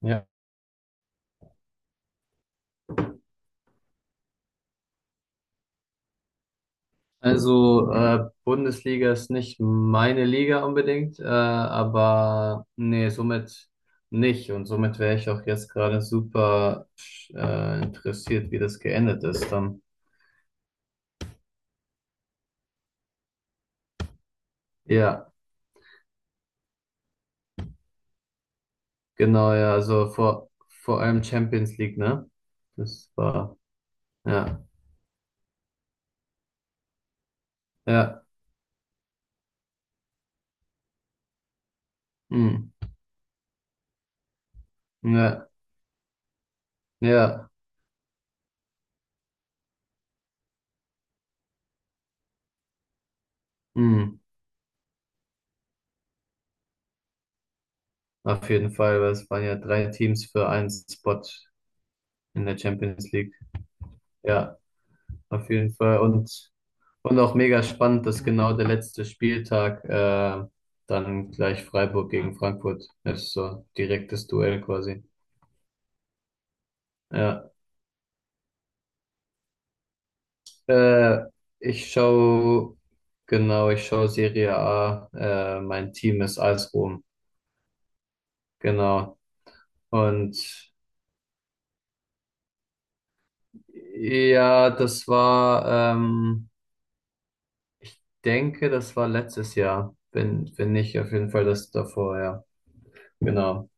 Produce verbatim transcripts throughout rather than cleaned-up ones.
Ja. Also äh, Bundesliga ist nicht meine Liga unbedingt, äh, aber nee, somit nicht. Und somit wäre ich auch jetzt gerade super äh, interessiert, wie das geendet ist dann. Ja, genau, ja, also vor, vor allem Champions League, ne? Das war, ja, ja, mm, ja, ja, mm. Auf jeden Fall, weil es waren ja drei Teams für einen Spot in der Champions League. Ja, auf jeden Fall. Und Und auch mega spannend, dass genau der letzte Spieltag äh, dann gleich Freiburg gegen Frankfurt ist, so direktes Duell quasi. Ja, äh, ich schaue, genau, ich schaue Serie A, äh, mein Team ist A S Rom, genau. Und ja, das war, ähm, ich denke, das war letztes Jahr, wenn, wenn nicht, auf jeden Fall das davor, ja, genau.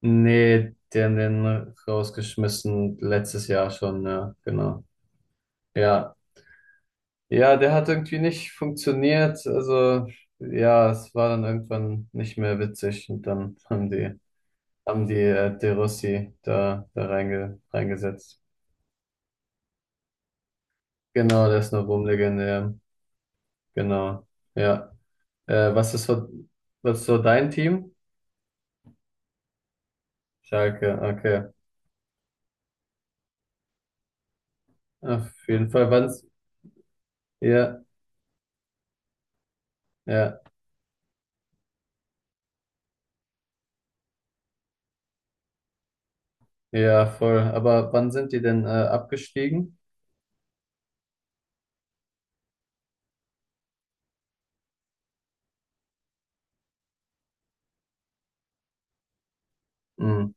Nee, die haben den rausgeschmissen letztes Jahr schon, ja, genau. Ja, ja, der hat irgendwie nicht funktioniert. Also, ja, es war dann irgendwann nicht mehr witzig und dann haben die, haben die äh, De Rossi da, da reinge, reingesetzt. Genau, der ist eine Ruhmlegende, ja. Genau, ja. Äh, was ist so, was ist so dein Team? Schalke, okay. Auf jeden Fall, wann's, ja, ja, ja, voll. Aber wann sind die denn äh, abgestiegen? Mhm.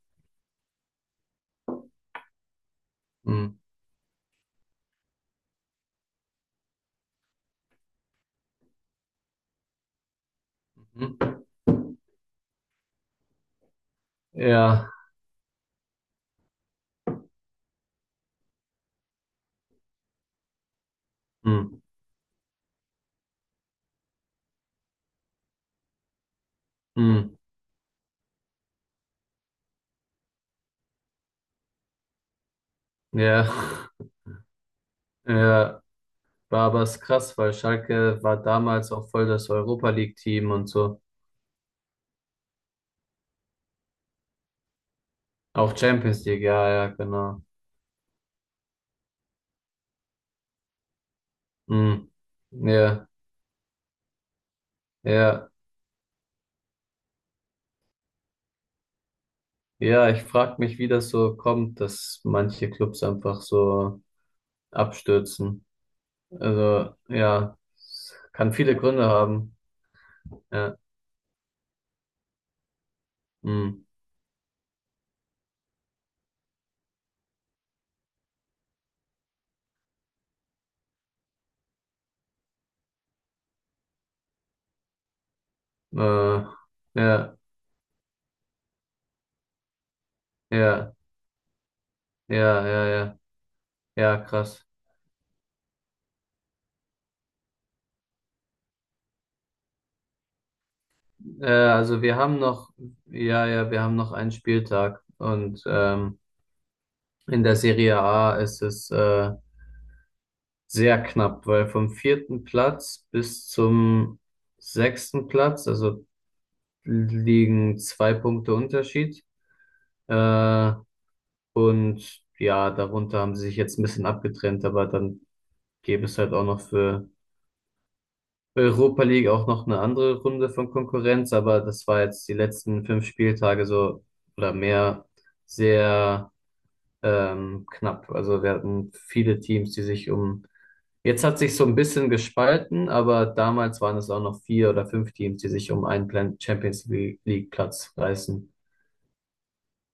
Mhm. Mhm. Ja. Mhm. Mhm. Ja. Ja. War aber es krass, weil Schalke war damals auch voll das Europa League-Team und so. Auch Champions League, ja, ja, genau. Mhm. Ja, ja. Ja, ich frag mich, wie das so kommt, dass manche Clubs einfach so abstürzen. Also, ja, es kann viele Gründe haben. Ja. Mhm. Äh, ja, ja, ja, ja, ja. Ja, krass. Äh, also wir haben noch, ja, ja, wir haben noch einen Spieltag und ähm, in der Serie A ist es äh, sehr knapp, weil vom vierten Platz bis zum sechsten Platz, also liegen zwei Punkte Unterschied. Äh, und ja, darunter haben sie sich jetzt ein bisschen abgetrennt, aber dann gäbe es halt auch noch für Europa League auch noch eine andere Runde von Konkurrenz, aber das war jetzt die letzten fünf Spieltage so oder mehr sehr ähm, knapp. Also wir hatten viele Teams, die sich um. Jetzt hat sich so ein bisschen gespalten, aber damals waren es auch noch vier oder fünf Teams, die sich um einen Plan- Champions League Platz reißen.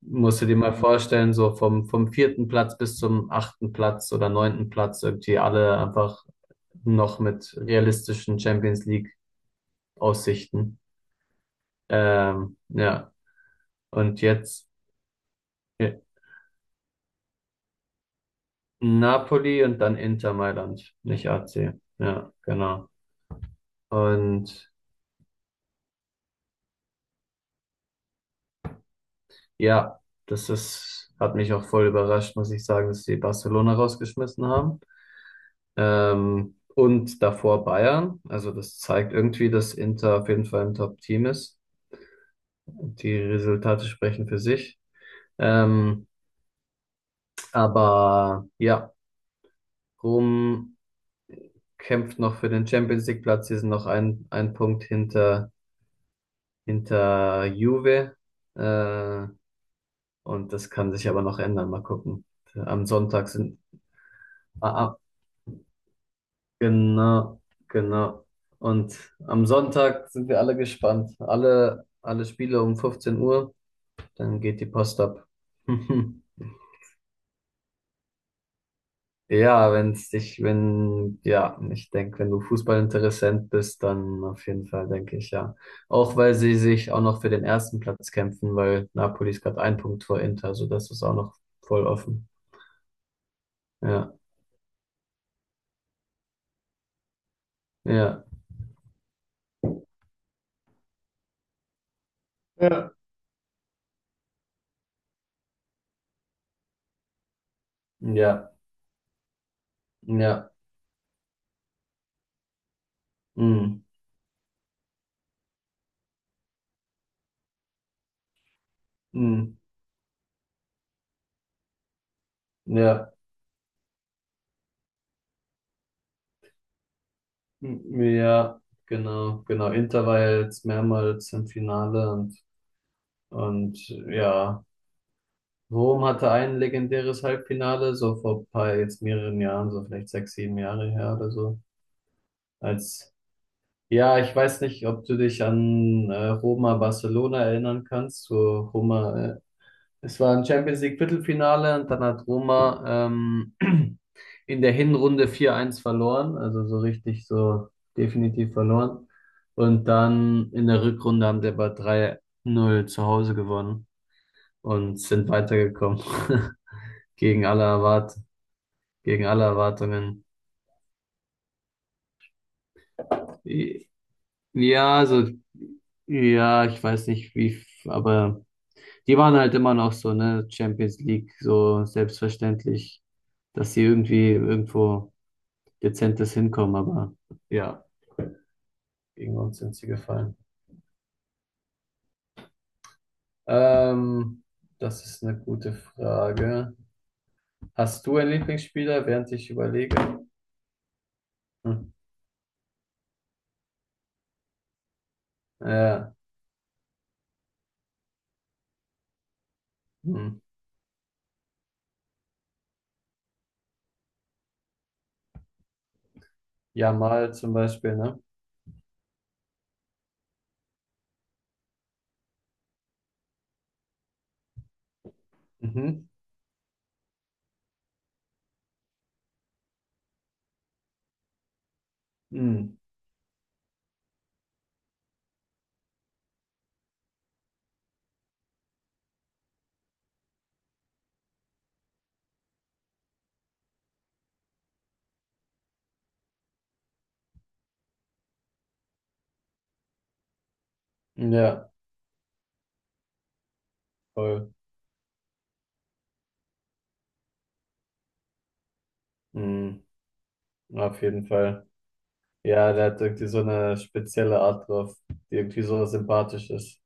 Musst du dir mal vorstellen, so vom, vom vierten Platz bis zum achten Platz oder neunten Platz irgendwie alle einfach noch mit realistischen Champions League Aussichten. Ähm, ja, und jetzt ja, Napoli und dann Inter Mailand, nicht A C. Ja, genau. Und ja, das ist, hat mich auch voll überrascht, muss ich sagen, dass sie Barcelona rausgeschmissen haben. Ähm, und davor Bayern. Also das zeigt irgendwie, dass Inter auf jeden Fall ein Top-Team ist. Die Resultate sprechen für sich. Ähm, aber ja, Rom kämpft noch für den Champions League-Platz. Sie sind noch ein, ein Punkt hinter, hinter Juve. Äh, und das kann sich aber noch ändern. Mal gucken. Am Sonntag sind, a- Genau, genau. Und am Sonntag sind wir alle gespannt. Alle, alle Spiele um fünfzehn Uhr, dann geht die Post ab. Ja, wenn's dich, wenn, ja, ich denke, wenn du Fußballinteressent bist, dann auf jeden Fall, denke ich, ja. Auch weil sie sich auch noch für den ersten Platz kämpfen, weil Napoli ist gerade ein Punkt vor Inter, also das ist auch noch voll offen. Ja, ja, Ja. ja, ja, mm, mm, ja. Ja, genau, genau. Inter war ja jetzt mehrmals im Finale und, und ja, Rom hatte ein legendäres Halbfinale, so vor ein paar, jetzt mehreren Jahren, so vielleicht sechs, sieben Jahre her oder so. Als, ja, ich weiß nicht, ob du dich an äh, Roma Barcelona erinnern kannst, so Roma äh, es war ein Champions League Viertelfinale und dann hat Roma ähm, in der Hinrunde vier eins verloren, also so richtig so definitiv verloren. Und dann in der Rückrunde haben sie aber drei null zu Hause gewonnen und sind weitergekommen gegen alle Erwart gegen alle Erwartungen. I- Ja, also ja, ich weiß nicht wie, f- aber die waren halt immer noch so, ne, Champions League so selbstverständlich, dass sie irgendwie irgendwo dezentes Hinkommen, aber ja, gegen uns sind sie gefallen. Ähm, das ist eine gute Frage. Hast du einen Lieblingsspieler, während ich überlege? Hm. Ja, hm. Jamal zum Beispiel, ne? Mhm. Hm. Ja, voll. Hm. Auf jeden Fall. Ja, der hat irgendwie so eine spezielle Art drauf, die irgendwie so sympathisch ist.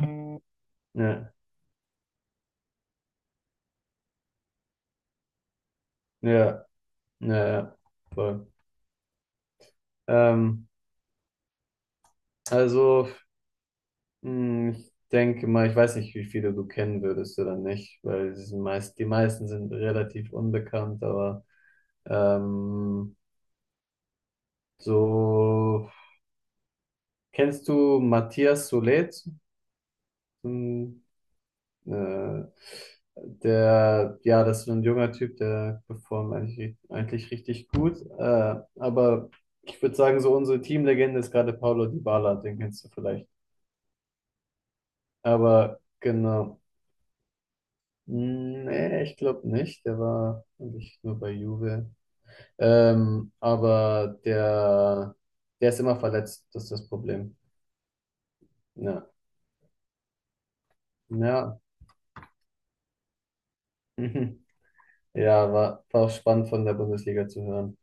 Ja, ja, ja, ja, voll. Ähm, also Hm, ich denke mal, ich weiß nicht, wie viele du kennen würdest oder nicht, weil sie sind meist, die meisten sind relativ unbekannt, aber ähm, so kennst du Matthias Solet? Hm, äh, der, ja, das ist so ein junger Typ, der performt eigentlich, eigentlich richtig gut, äh, aber ich würde sagen, so unsere Teamlegende ist gerade Paulo Dybala, den kennst du vielleicht, aber genau. Hm, nee, ich glaube nicht. Der war eigentlich nur bei Juve. Ähm, aber der, der ist immer verletzt, das ist das Problem. Ja, ja. Ja, war, war auch spannend von der Bundesliga zu hören.